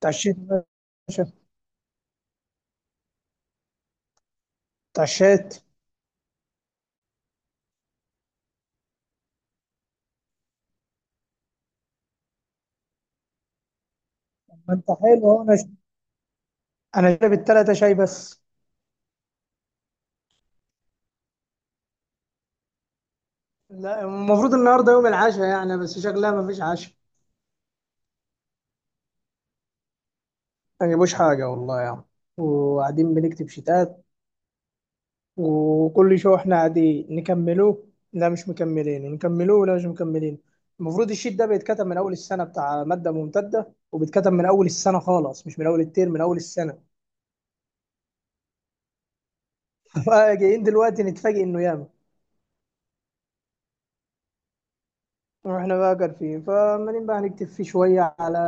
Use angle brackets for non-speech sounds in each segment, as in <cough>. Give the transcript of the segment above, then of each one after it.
اتعشيت يا باشا؟ اتعشيت؟ ما انت حلو اهو. انا شارب التلاتة شاي بس. لا، المفروض النهارده يوم العشاء يعني، بس شكلها ما فيش عشاء. ما جابوش حاجه والله يعني. وقاعدين بنكتب شتات. وكل شو احنا قاعدين نكملوه. لا، مش مكملين. ونكملوه، لا مش مكملين. المفروض الشيت ده بيتكتب من اول السنه، بتاع ماده ممتده، وبيتكتب من اول السنه خالص، مش من اول الترم، من اول السنه. <laughs> جايين دلوقتي نتفاجئ انه ياما. واحنا بقى قارفين، فعمالين بقى نكتب فيه شوية، على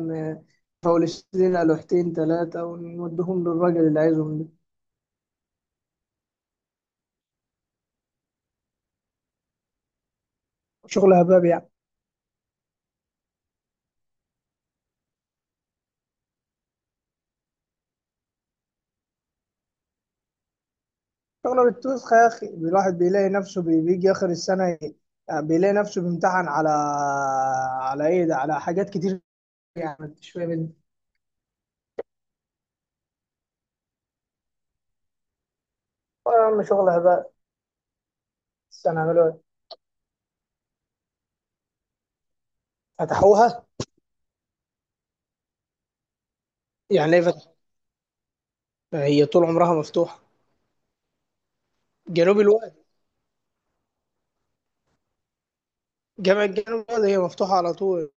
م- نفولش لنا لوحتين تلاتة ونوديهم للراجل اللي عايزهم ده. شغل هباب يعني. شغل بالتوسخ يا أخي. الواحد بيلاقي نفسه بيجي آخر السنة، يعني بيلاقي نفسه بيمتحن على إيه ده؟ على حاجات كتير. يعني ما انتش فاهم انت. آه يا عم، شغل هباب. السنة عملوا إيه؟ فتحوها؟ يعني ليه فتحوا؟ هي طول عمرها مفتوحة. جنوب الواد. جامعة جنوب الواد هي مفتوحة على طول.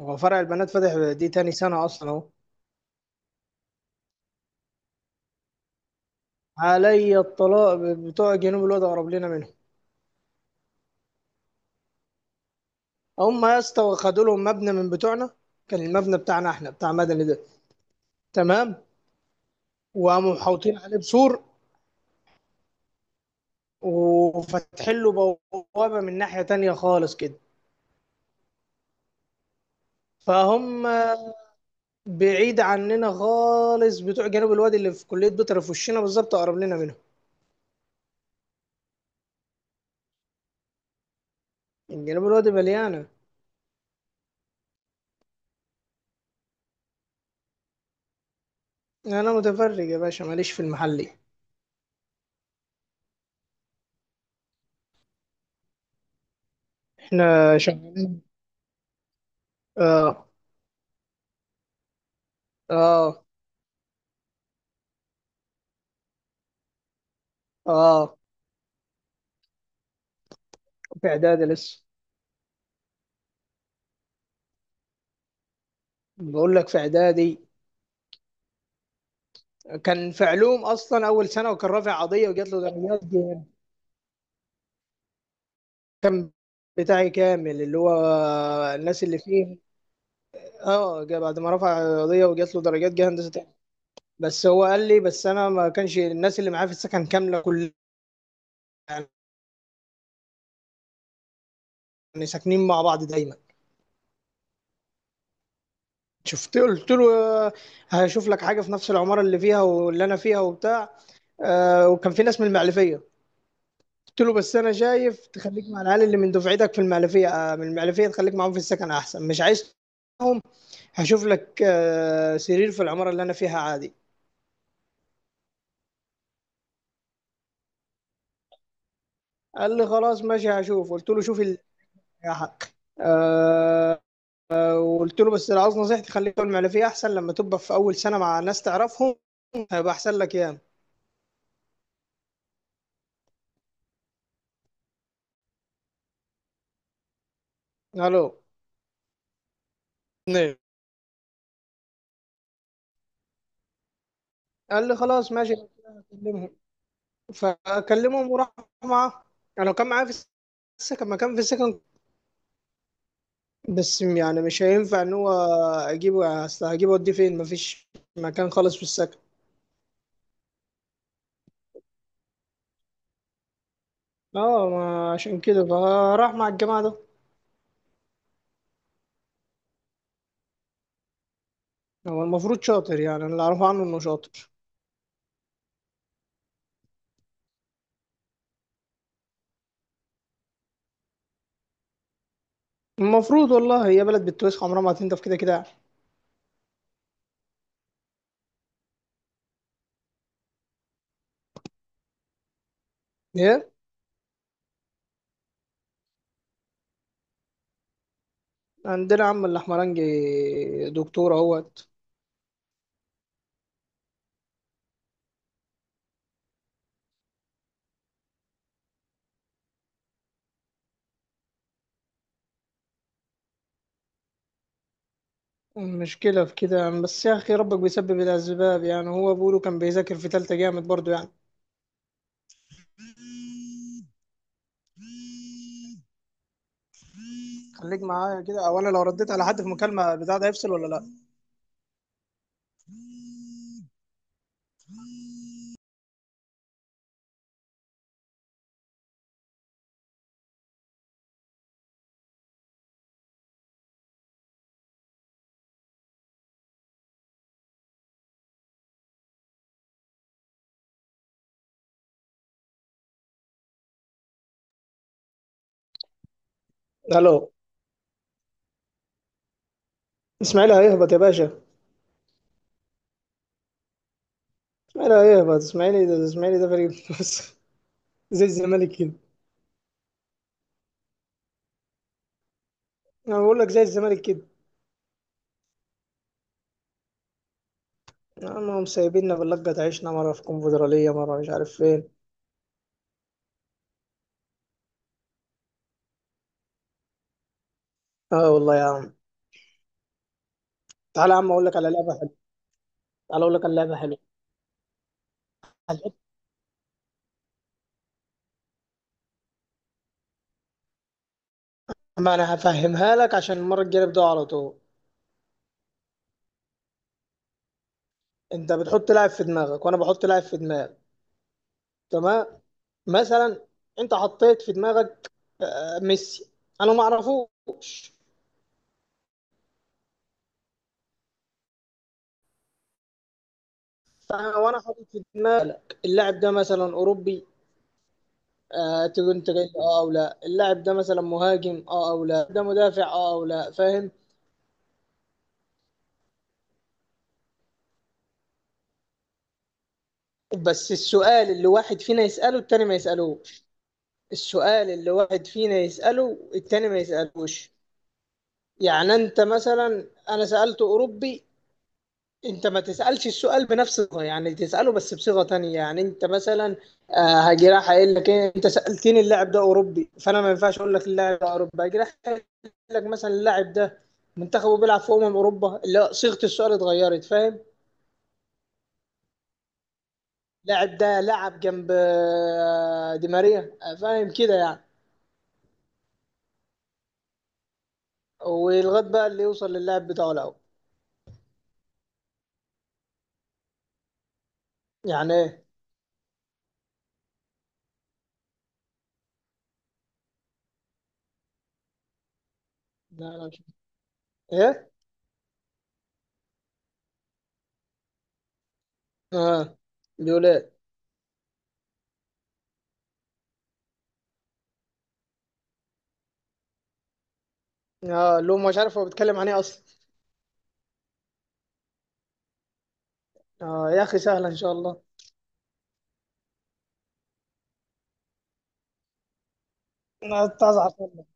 هو فرع البنات فاتح، دي تاني سنة أصلا أهو. علي الطلاق بتوع جنوب الواد قرب لنا منهم. هم يا اسطى خدوا لهم مبنى من بتوعنا. كان المبنى بتاعنا احنا بتاع مدني ده، تمام. وقاموا محوطين عليه بسور، وفاتحين له بوابة من ناحية تانية خالص كده. فهم بعيد عننا خالص. بتوع جنوب الوادي اللي في كلية بيطر في وشنا بالظبط، أقرب لنا منهم. جنوب الوادي مليانة. أنا متفرج يا باشا، ماليش في المحلي. احنا شغال. اه. اه. اه، في اعدادي لسه. بقول لك في اعدادي. كان في علوم اصلا اول سنه، وكان رافع قضيه وجات له درجات جامد. كان بتاعي كامل، اللي هو الناس اللي فيه. اه، بعد ما رفع قضيه وجات له درجات جه هندسه تاني. بس هو قال لي، بس انا ما كانش الناس اللي معايا في السكن كامله، كل يعني ساكنين مع بعض دايما. شفت، قلت له آه، هشوف لك حاجه في نفس العماره اللي فيها واللي انا فيها وبتاع، وكان في ناس من المعلفيه. قلت له بس انا شايف تخليك مع العيال اللي من دفعتك في المعلفيه، من المعلفيه، تخليك معاهم في السكن احسن، مش عايز معاهم. هشوف لك سرير في العماره اللي انا فيها عادي. قال لي خلاص ماشي هشوف. قلت له شوف يا حق. آه، وقلت له بس لو عاوز نصيحتي، خليك في المعلفيه احسن، لما تبقى في اول سنه مع ناس تعرفهم هيبقى احسن لك ياما. الو. نعم. قال لي خلاص ماشي، هكلمهم. فكلمهم وراح معاه. انا كان معايا في السكن، ما كان في السكن، بس يعني مش هينفع ان هو اجيبه. اصل هجيبه اوديه فين؟ مفيش مكان خالص في السكن. اه، ما عشان كده فراح مع الجماعه ده. هو المفروض شاطر يعني، أنا اللي اعرفه عنه انه شاطر. المفروض والله، هي بلد بتوسخ، عمرها ما هتنضف كده كده. ايه؟ عندنا عم الاحمرنجي، دكتور اهوت. المشكلة في كده يعني، بس يا أخي ربك بيسبب الأسباب. يعني هو بيقولوا كان بيذاكر في تالتة جامد برضه يعني. خليك معايا كده. أو أنا لو رديت على حد في مكالمة بتاع، ده هيفصل ولا لأ؟ ألو. إسماعيل هيهبط يا باشا. لا، ايه بقى الاسماعيلي ده؟ الاسماعيلي ده فريق بس. <laughs> زي الزمالك كده. انا بقول لك زي الزمالك كده. هم سايبيننا باللقة، تعيشنا مرة في كونفدرالية، مرة مش عارف فين. اه والله يا عم. تعالى يا عم اقول لك على لعبة حلوة. تعالى اقول لك على لعبة حلوة. هتحط- ما انا هفهمها لك عشان المرة الجاية نبدأ على طول. انت بتحط لاعب في دماغك، وانا بحط لاعب في دماغي. تمام. مثلا انت حطيت في دماغك ميسي، انا ما اعرفوش. وانا حاطط في دماغك اللاعب ده مثلا اوروبي. آه، تقول انت جاي اه او لا. اللاعب ده مثلا مهاجم؟ اه او لا. ده مدافع؟ اه او لا. فاهم. بس السؤال اللي واحد فينا يسأله، التاني ما يسألوش. السؤال اللي واحد فينا يسأله، التاني ما يسألوش. يعني انت مثلا، انا سألت اوروبي. انت ما تسألش السؤال بنفس الصيغة، يعني تسأله بس بصيغة تانية. يعني انت مثلا آه، هاجي راح قايل لك ايه؟ انت سألتني اللاعب ده اوروبي، فانا ما ينفعش اقول لك اللاعب ده اوروبي. هاجي راح قايل لك مثلا، اللاعب ده منتخبه بيلعب في اوروبا، لا، صيغة السؤال اتغيرت. فاهم. اللاعب ده لعب جنب دي ماريا. آه، فاهم كده يعني. ولغايه بقى اللي يوصل للاعب بتاعه الاول. يعني ايه؟ لا، لا مش ايه. اه. بيقول ايه؟ اه، لو مش عارف هو بيتكلم عن ايه اصلا. اه يا اخي سهله ان شاء الله. انا كنت ازعل والله.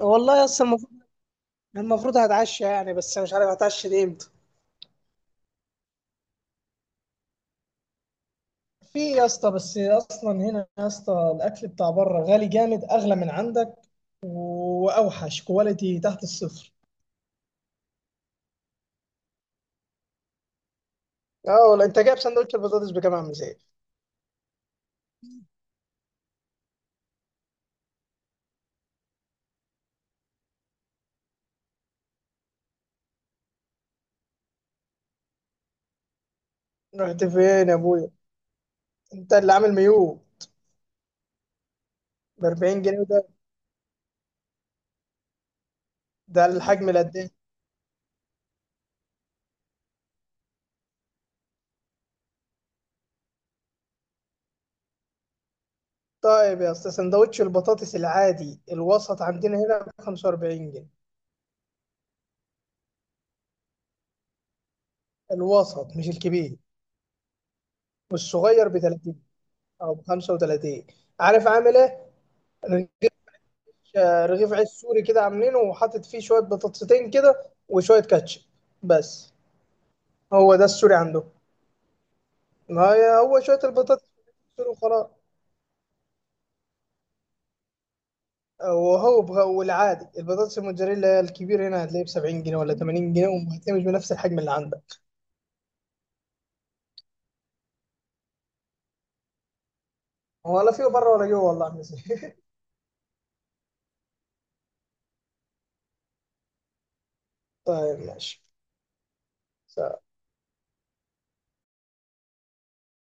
والله يا اسطى المفروض هتعشى يعني، بس مش عارف هتعشى دي امتى. في يا اسطى، بس اصلا هنا يا اسطى الاكل بتاع بره غالي جامد، اغلى من عندك، واوحش، كواليتي تحت الصفر. اه والله، انت جايب سندوتش البطاطس بكام يا عم زين؟ رحت فين يا ابويا؟ انت اللي عامل ميو؟ ب 40 جنيه؟ ده الحجم اللي قد ايه؟ طيب يا اسطى، سندوتش البطاطس العادي الوسط عندنا هنا ب 45 جنيه. الوسط مش الكبير. والصغير ب 30 او ب 35. عارف عامل ايه؟ رغيف. آه، رغيف عيش سوري كده عاملينه، وحاطط فيه شويه بطاطستين كده وشويه كاتشب بس. هو ده السوري عنده. ما هي هو شويه البطاطس السوري وخلاص. وهو والعادي البطاطس الموتزاريلا هي الكبير، هنا هتلاقيه ب 70 جنيه ولا 80 جنيه، وهتلاقيه مش بنفس الحجم اللي عندك. ولا فيه بره ولا جوه والله. <laughs> يا عم زين. طيب ماشي. So